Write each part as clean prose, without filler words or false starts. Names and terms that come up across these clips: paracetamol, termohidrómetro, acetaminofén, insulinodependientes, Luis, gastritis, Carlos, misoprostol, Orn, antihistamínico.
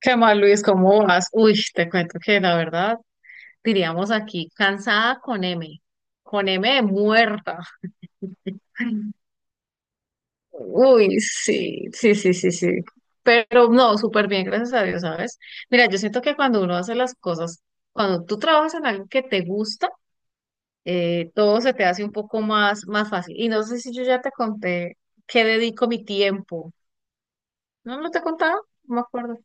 ¿Qué más, Luis? ¿Cómo vas? Uy, te cuento que la verdad, diríamos aquí, cansada con M de muerta. Uy, sí, sí, sí, sí, sí. Pero no, súper bien, gracias a Dios, ¿sabes? Mira, yo siento que cuando uno hace las cosas, cuando tú trabajas en algo que te gusta, todo se te hace un poco más, más fácil. Y no sé si yo ya te conté qué dedico mi tiempo. ¿No, no te he contado? No me acuerdo.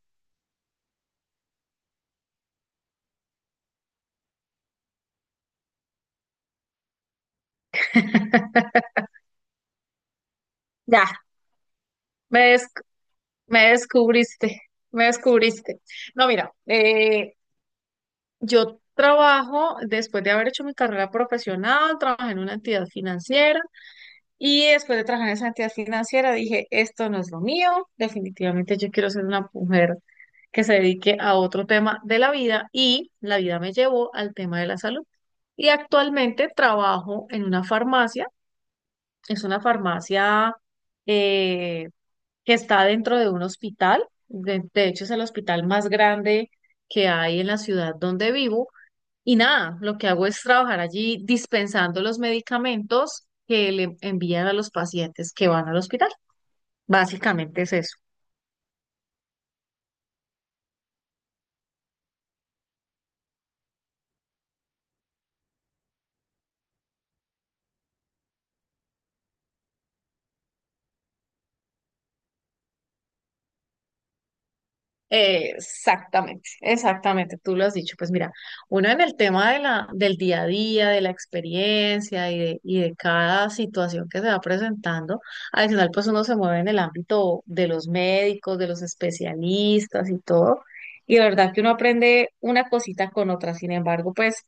Ya, ves, me descubriste, me descubriste. No, mira, yo trabajo, después de haber hecho mi carrera profesional, trabajé en una entidad financiera y después de trabajar en esa entidad financiera dije, esto no es lo mío, definitivamente yo quiero ser una mujer que se dedique a otro tema de la vida y la vida me llevó al tema de la salud. Y actualmente trabajo en una farmacia, es una farmacia eh, que está dentro de un hospital. De hecho, es el hospital más grande que hay en la ciudad donde vivo. Y nada, lo que hago es trabajar allí dispensando los medicamentos que le envían a los pacientes que van al hospital. Básicamente es eso. Exactamente, exactamente, tú lo has dicho. Pues mira, uno en el tema de la, del día a día, de la experiencia y de cada situación que se va presentando, adicional pues uno se mueve en el ámbito de los médicos, de los especialistas y todo, y de verdad que uno aprende una cosita con otra. Sin embargo, pues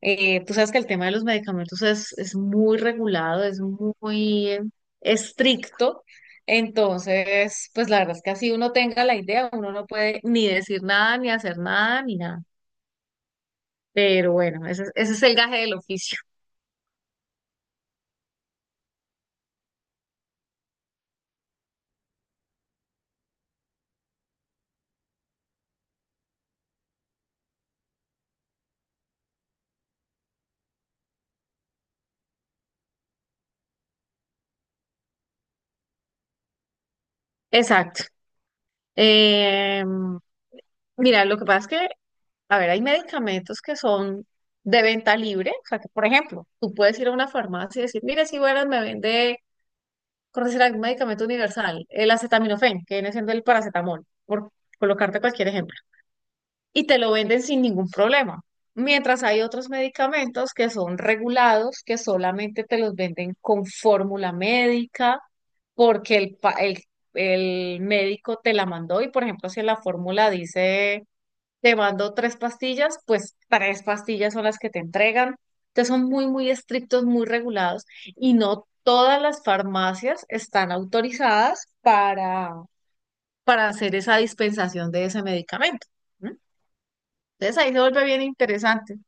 tú sabes que el tema de los medicamentos es muy regulado, es muy estricto. Entonces, pues la verdad es que así uno tenga la idea, uno no puede ni decir nada, ni hacer nada, ni nada. Pero bueno, ese es el gaje del oficio. Exacto. Eh, mira, lo que pasa es que, a ver, hay medicamentos que son de venta libre. O sea, que por ejemplo, tú puedes ir a una farmacia y decir, mira, si bueno, me vende, por decir algún medicamento universal, el acetaminofén, que viene siendo el paracetamol, por colocarte cualquier ejemplo. Y te lo venden sin ningún problema. Mientras hay otros medicamentos que son regulados, que solamente te los venden con fórmula médica, porque el médico te la mandó y, por ejemplo, si en la fórmula dice, te mando tres pastillas, pues tres pastillas son las que te entregan. Entonces son muy, muy estrictos, muy regulados y no todas las farmacias están autorizadas para hacer esa dispensación de ese medicamento, ¿no? Entonces ahí se vuelve bien interesante.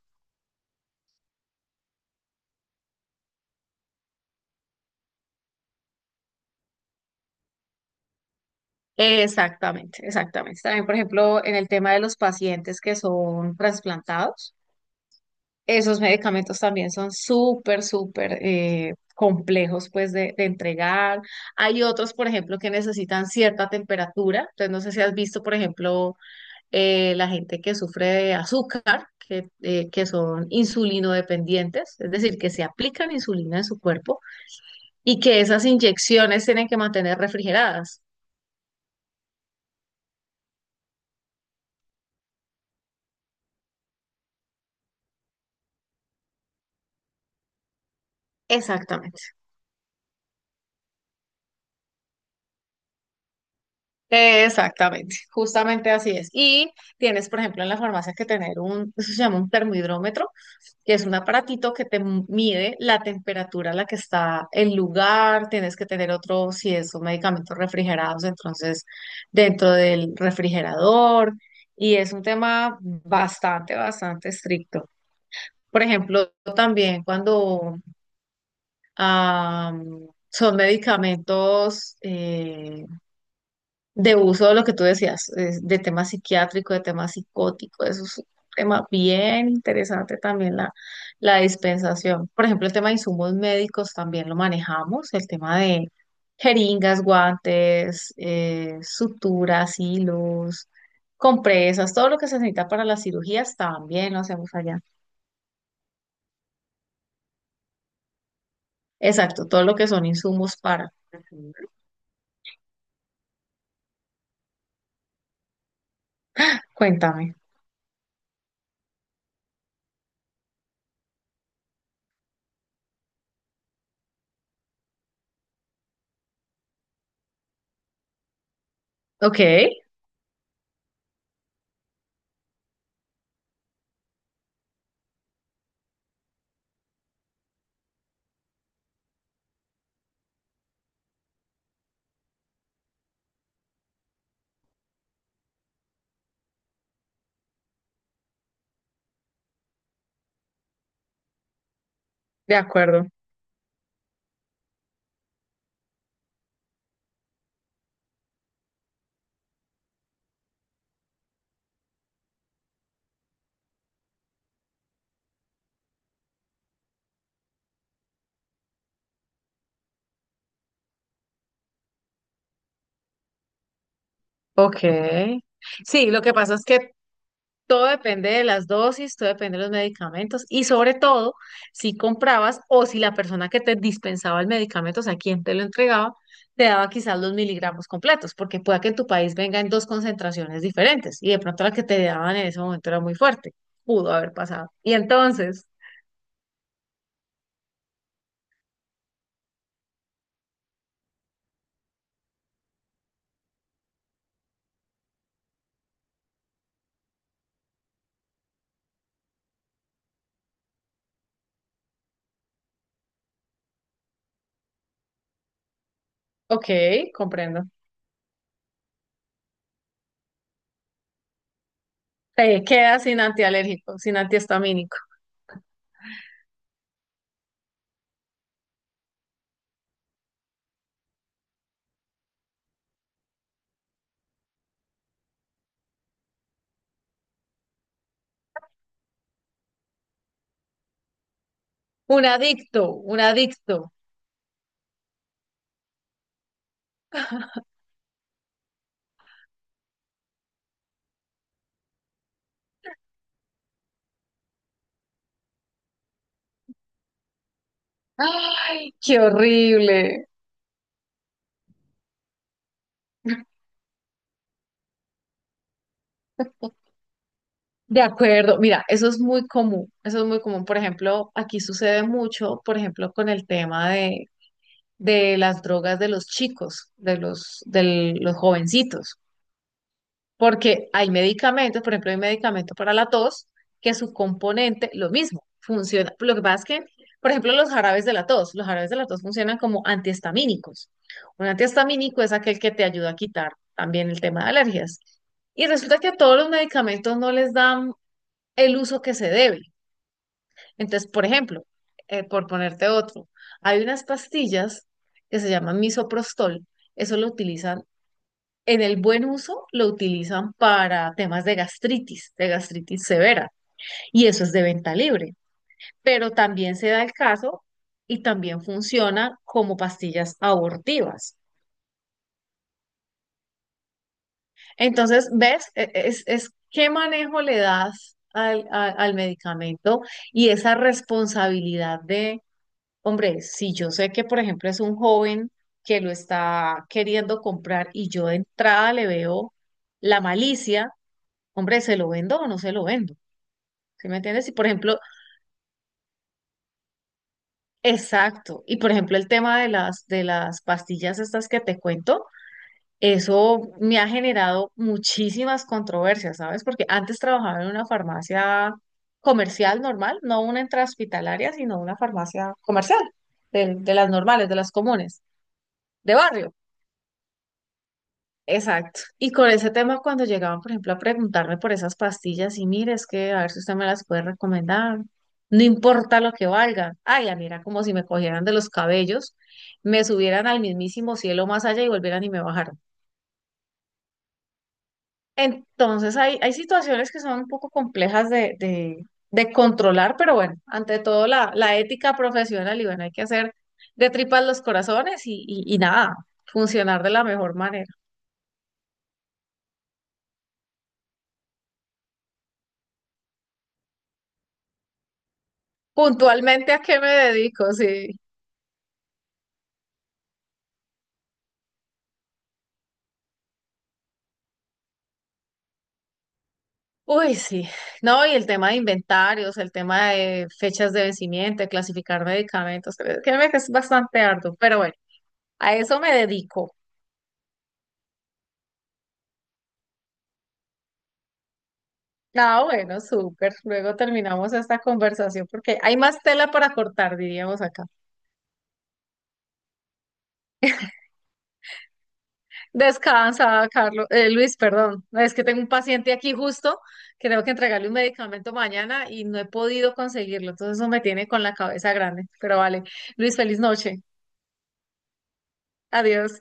Exactamente, exactamente. También, por ejemplo, en el tema de los pacientes que son trasplantados, esos medicamentos también son súper, súper complejos pues de entregar. Hay otros, por ejemplo, que necesitan cierta temperatura. Entonces, no sé si has visto, por ejemplo, la gente que sufre de azúcar, que son insulinodependientes, es decir, que se aplican insulina en su cuerpo y que esas inyecciones tienen que mantener refrigeradas. Exactamente, exactamente, justamente así es. Y tienes, por ejemplo, en la farmacia que tener un, eso se llama un termohidrómetro, que es un aparatito que te mide la temperatura a la que está el lugar, tienes que tener otro, si es son medicamentos refrigerados, entonces dentro del refrigerador, y es un tema bastante, bastante estricto. Por ejemplo, también cuando ah, son medicamentos de uso de lo que tú decías, es de tema psiquiátrico, de tema psicótico, eso es un tema bien interesante también la dispensación. Por ejemplo, el tema de insumos médicos también lo manejamos, el tema de jeringas, guantes, suturas, hilos, compresas, todo lo que se necesita para las cirugías también lo hacemos allá. Exacto, todo lo que son insumos para. Ujú. Cuéntame. Ok, de acuerdo. Ok. Sí, lo que pasa es que todo depende de las dosis, todo depende de los medicamentos y sobre todo si comprabas o si la persona que te dispensaba el medicamento, o sea, quien te lo entregaba, te daba quizás los miligramos completos, porque pueda que en tu país venga en dos concentraciones diferentes y de pronto la que te daban en ese momento era muy fuerte, pudo haber pasado. Y entonces, ok, comprendo, te quedas sin antialérgico, sin antihistamínico. Un adicto, un adicto. Ay, qué horrible. De acuerdo, mira, eso es muy común, eso es muy común. Por ejemplo, aquí sucede mucho, por ejemplo, con el tema de las drogas de los chicos, de los jovencitos, porque hay medicamentos, por ejemplo, hay medicamento para la tos, que su componente, lo mismo, funciona. Lo que pasa es que, por ejemplo, los jarabes de la tos, los jarabes de la tos funcionan como antihistamínicos. Un antihistamínico es aquel que te ayuda a quitar también el tema de alergias. Y resulta que a todos los medicamentos no les dan el uso que se debe. Entonces, por ejemplo, por ponerte otro, hay unas pastillas que se llaman misoprostol, eso lo utilizan, en el buen uso lo utilizan para temas de gastritis severa, y eso es de venta libre, pero también se da el caso y también funciona como pastillas abortivas. Entonces, ¿ves? Es qué manejo le das al, a, al medicamento y esa responsabilidad de hombre, si yo sé que, por ejemplo, es un joven que lo está queriendo comprar y yo de entrada le veo la malicia, hombre, ¿se lo vendo o no se lo vendo? ¿Sí me entiendes? Y por ejemplo, exacto. Y por ejemplo, el tema de las pastillas estas que te cuento, eso me ha generado muchísimas controversias, ¿sabes? Porque antes trabajaba en una farmacia comercial normal, no una intrahospitalaria, sino una farmacia comercial, de las normales, de las comunes, de barrio. Exacto. Y con ese tema, cuando llegaban, por ejemplo, a preguntarme por esas pastillas, y mire, es que a ver si usted me las puede recomendar, no importa lo que valgan. Ay, la mira, como si me cogieran de los cabellos, me subieran al mismísimo cielo más allá y volvieran y me bajaran. Entonces, hay situaciones que son un poco complejas de controlar, pero bueno, ante todo la, la ética profesional, y bueno, hay que hacer de tripas los corazones y nada, funcionar de la mejor manera. Puntualmente, ¿a qué me dedico? Sí. Uy, sí. No, y el tema de inventarios, el tema de fechas de vencimiento, de clasificar medicamentos, créeme que es bastante arduo, pero bueno, a eso me dedico. Ah, bueno, súper. Luego terminamos esta conversación porque hay más tela para cortar, diríamos acá. Descansa, Carlos, Luis, perdón. No, es que tengo un paciente aquí justo que tengo que entregarle un medicamento mañana y no he podido conseguirlo, entonces eso me tiene con la cabeza grande. Pero vale, Luis, feliz noche. Adiós.